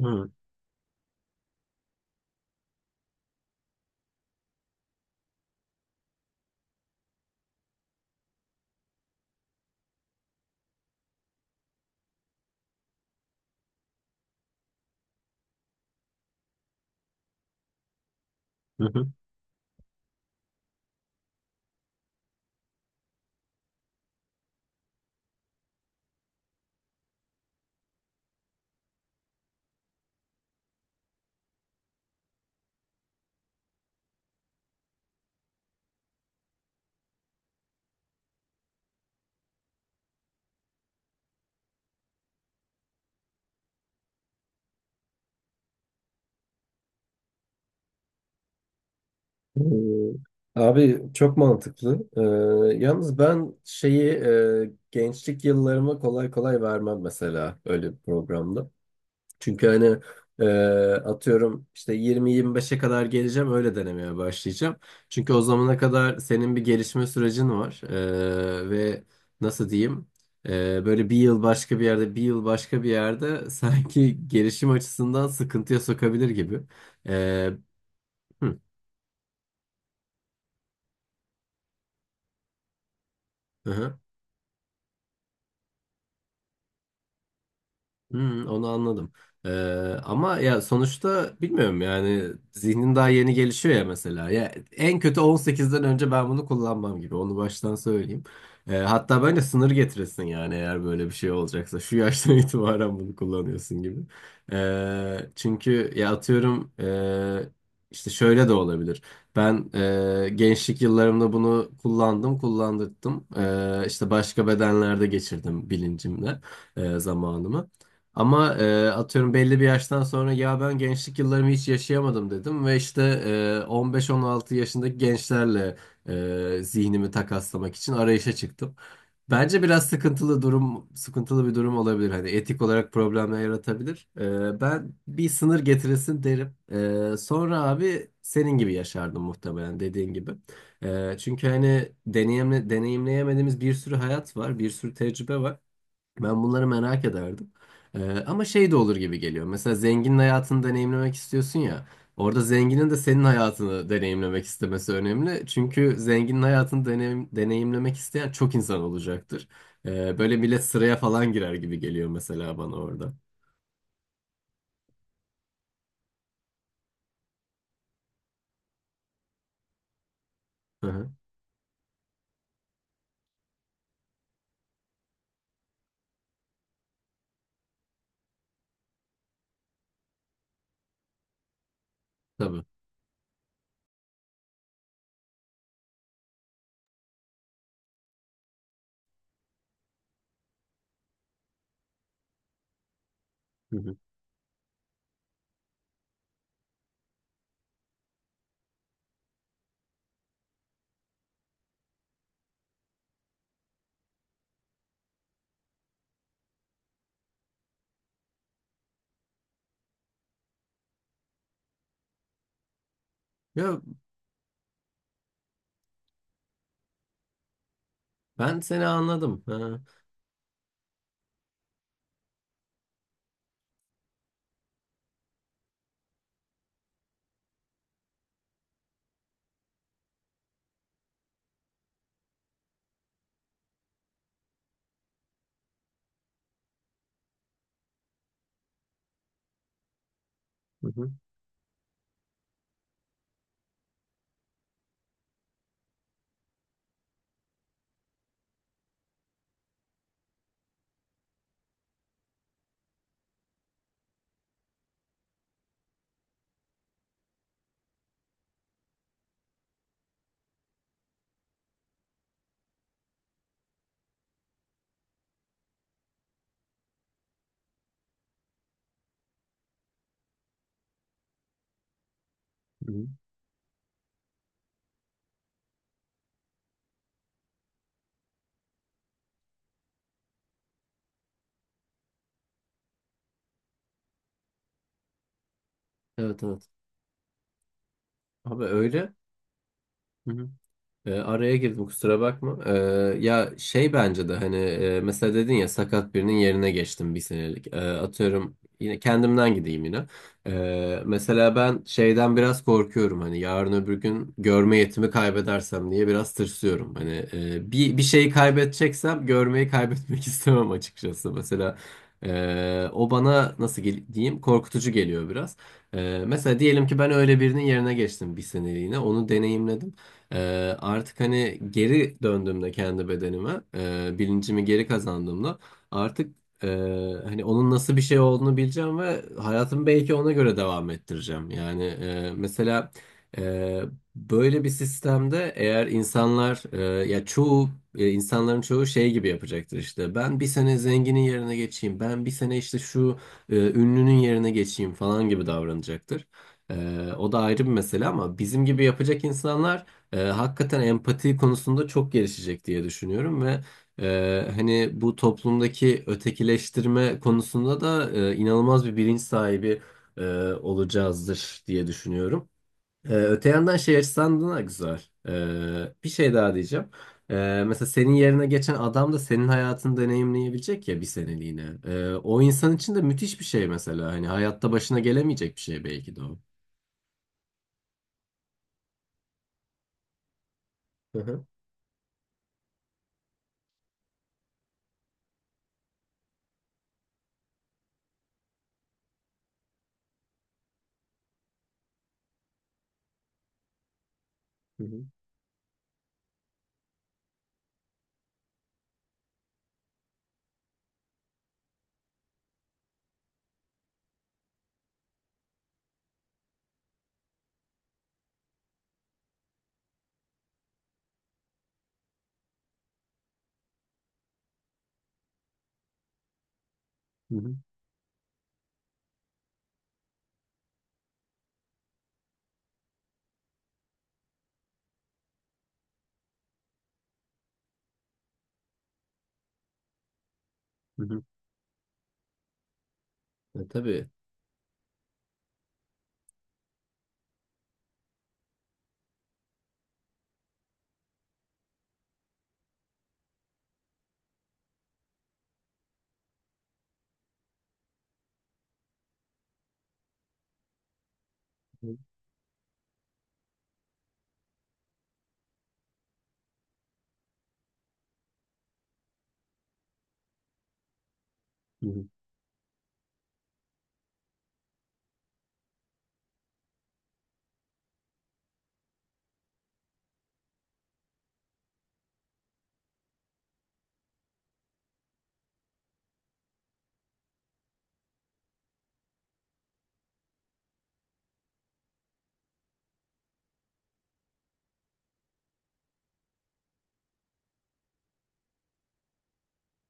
Hı, hı, hı. Abi çok mantıklı. Yalnız ben şeyi gençlik yıllarıma kolay kolay vermem mesela öyle bir programda. Çünkü hani e, atıyorum işte yirmi 25'e kadar geleceğim, öyle denemeye başlayacağım. Çünkü o zamana kadar senin bir gelişme sürecin var. Ve nasıl diyeyim, böyle bir yıl başka bir yerde, bir yıl başka bir yerde sanki gelişim açısından sıkıntıya sokabilir gibi. Ee, hı, hı. Hı. Hmm, onu anladım. Ee, Ama ya sonuçta bilmiyorum yani, zihnin daha yeni gelişiyor ya mesela. Ya en kötü 18'den önce ben bunu kullanmam gibi. Onu baştan söyleyeyim. Hatta bence sınır getirirsin yani, eğer böyle bir şey olacaksa. Şu yaştan itibaren bunu kullanıyorsun gibi. Çünkü ya atıyorum, işte şöyle de olabilir. Ben gençlik yıllarımda bunu kullandım, kullandırdım. İşte başka bedenlerde geçirdim bilincimle zamanımı. Ama atıyorum belli bir yaştan sonra ya ben gençlik yıllarımı hiç yaşayamadım dedim ve işte 15-16 yaşındaki gençlerle zihnimi takaslamak için arayışa çıktım. Bence biraz sıkıntılı bir durum olabilir. Hani etik olarak problemler yaratabilir. Ben bir sınır getirilsin derim. Sonra abi senin gibi yaşardım muhtemelen, dediğin gibi. Çünkü hani deneyimleyemediğimiz bir sürü hayat var, bir sürü tecrübe var. Ben bunları merak ederdim. Ama şey de olur gibi geliyor. Mesela zenginin hayatını deneyimlemek istiyorsun ya. Orada zenginin de senin hayatını deneyimlemek istemesi önemli. Çünkü zenginin hayatını deneyimlemek isteyen çok insan olacaktır. Böyle millet sıraya falan girer gibi geliyor mesela bana orada. Hı hı, tabii. Hı hı. Ya, ben seni anladım. Ha. Hı hı, hı hı. Evet evet. Abi öyle. Hı hı. Araya girdim, kusura bakma. Ya şey, bence de hani mesela dedin ya, sakat birinin yerine geçtim bir senelik. Atıyorum yine kendimden gideyim yine. Mesela ben şeyden biraz korkuyorum, hani yarın öbür gün görme yetimi kaybedersem diye biraz tırsıyorum. Hani bir şeyi kaybedeceksem görmeyi kaybetmek istemem açıkçası. Mesela o bana nasıl diyeyim, korkutucu geliyor biraz. Mesela diyelim ki ben öyle birinin yerine geçtim bir seneliğine, onu deneyimledim. Artık hani geri döndüğümde kendi bedenime, bilincimi geri kazandığımda artık e, hani onun nasıl bir şey olduğunu bileceğim ve hayatımı belki ona göre devam ettireceğim. Yani mesela e, böyle bir sistemde eğer insanlar ya çoğu, insanların çoğu şey gibi yapacaktır işte. Ben bir sene zenginin yerine geçeyim, ben bir sene işte şu ünlünün yerine geçeyim falan gibi davranacaktır. O da ayrı bir mesele ama bizim gibi yapacak insanlar hakikaten empati konusunda çok gelişecek diye düşünüyorum ve hani bu toplumdaki ötekileştirme konusunda da inanılmaz bir bilinç sahibi e, olacağızdır diye düşünüyorum. Öte yandan şey açısından da güzel. Bir şey daha diyeceğim. Mesela senin yerine geçen adam da senin hayatını deneyimleyebilecek ya, bir seneliğine. O insan için de müthiş bir şey mesela. Hani hayatta başına gelemeyecek bir şey belki de o. Hı hı, hı hı, hı hı, hı hı. Tabii. Hı hı.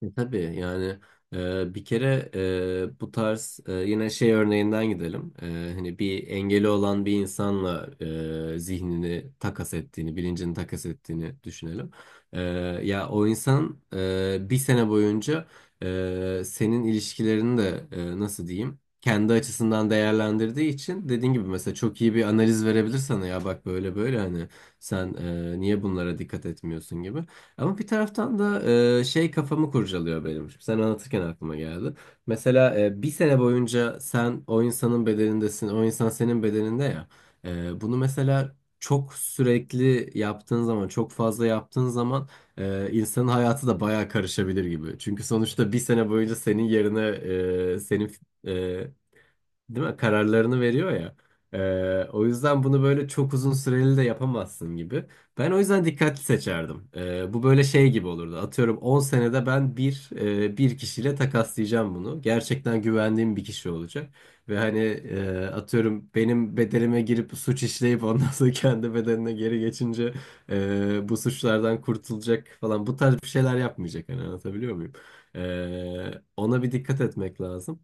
Tabii yani, bir kere, bu tarz, yine şey örneğinden gidelim. Hani bir engeli olan bir insanla zihnini takas ettiğini, bilincini takas ettiğini düşünelim. E, Ya o insan bir sene boyunca senin ilişkilerini de, nasıl diyeyim? Kendi açısından değerlendirdiği için dediğin gibi mesela çok iyi bir analiz verebilir sana, ya bak böyle böyle hani sen niye bunlara dikkat etmiyorsun gibi. Ama bir taraftan da şey kafamı kurcalıyor benim. Şimdi sen anlatırken aklıma geldi. Mesela bir sene boyunca sen o insanın bedenindesin, o insan senin bedeninde ya. Bunu mesela çok sürekli yaptığın zaman, çok fazla yaptığın zaman insanın hayatı da bayağı karışabilir gibi. Çünkü sonuçta bir sene boyunca senin yerine senin, e, değil mi? Kararlarını veriyor ya. O yüzden bunu böyle çok uzun süreli de yapamazsın gibi. Ben o yüzden dikkatli seçerdim. Bu böyle şey gibi olurdu. Atıyorum 10 senede ben bir kişiyle takaslayacağım bunu. Gerçekten güvendiğim bir kişi olacak. Ve hani atıyorum benim bedelime girip suç işleyip ondan sonra kendi bedenine geri geçince bu suçlardan kurtulacak falan. Bu tarz bir şeyler yapmayacak. Hani anlatabiliyor muyum? Ona bir dikkat etmek lazım.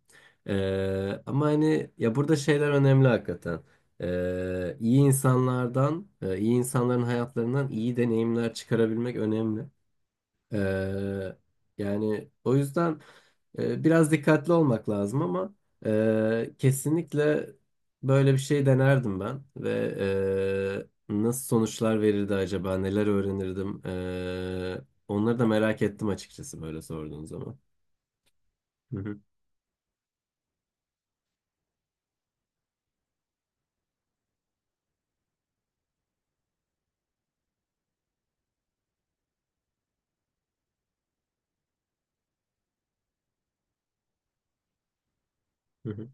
Ama hani ya, burada şeyler önemli hakikaten. İyi insanların hayatlarından iyi deneyimler çıkarabilmek önemli. Ee, Yani o yüzden biraz dikkatli olmak lazım ama kesinlikle böyle bir şey denerdim ben ve nasıl sonuçlar verirdi acaba, neler öğrenirdim? Onları da merak ettim açıkçası böyle sorduğun zaman. Hı hı, hı hı,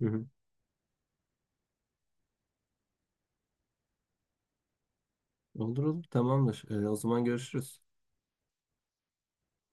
hı hı. Olur olur, tamamdır. O zaman görüşürüz.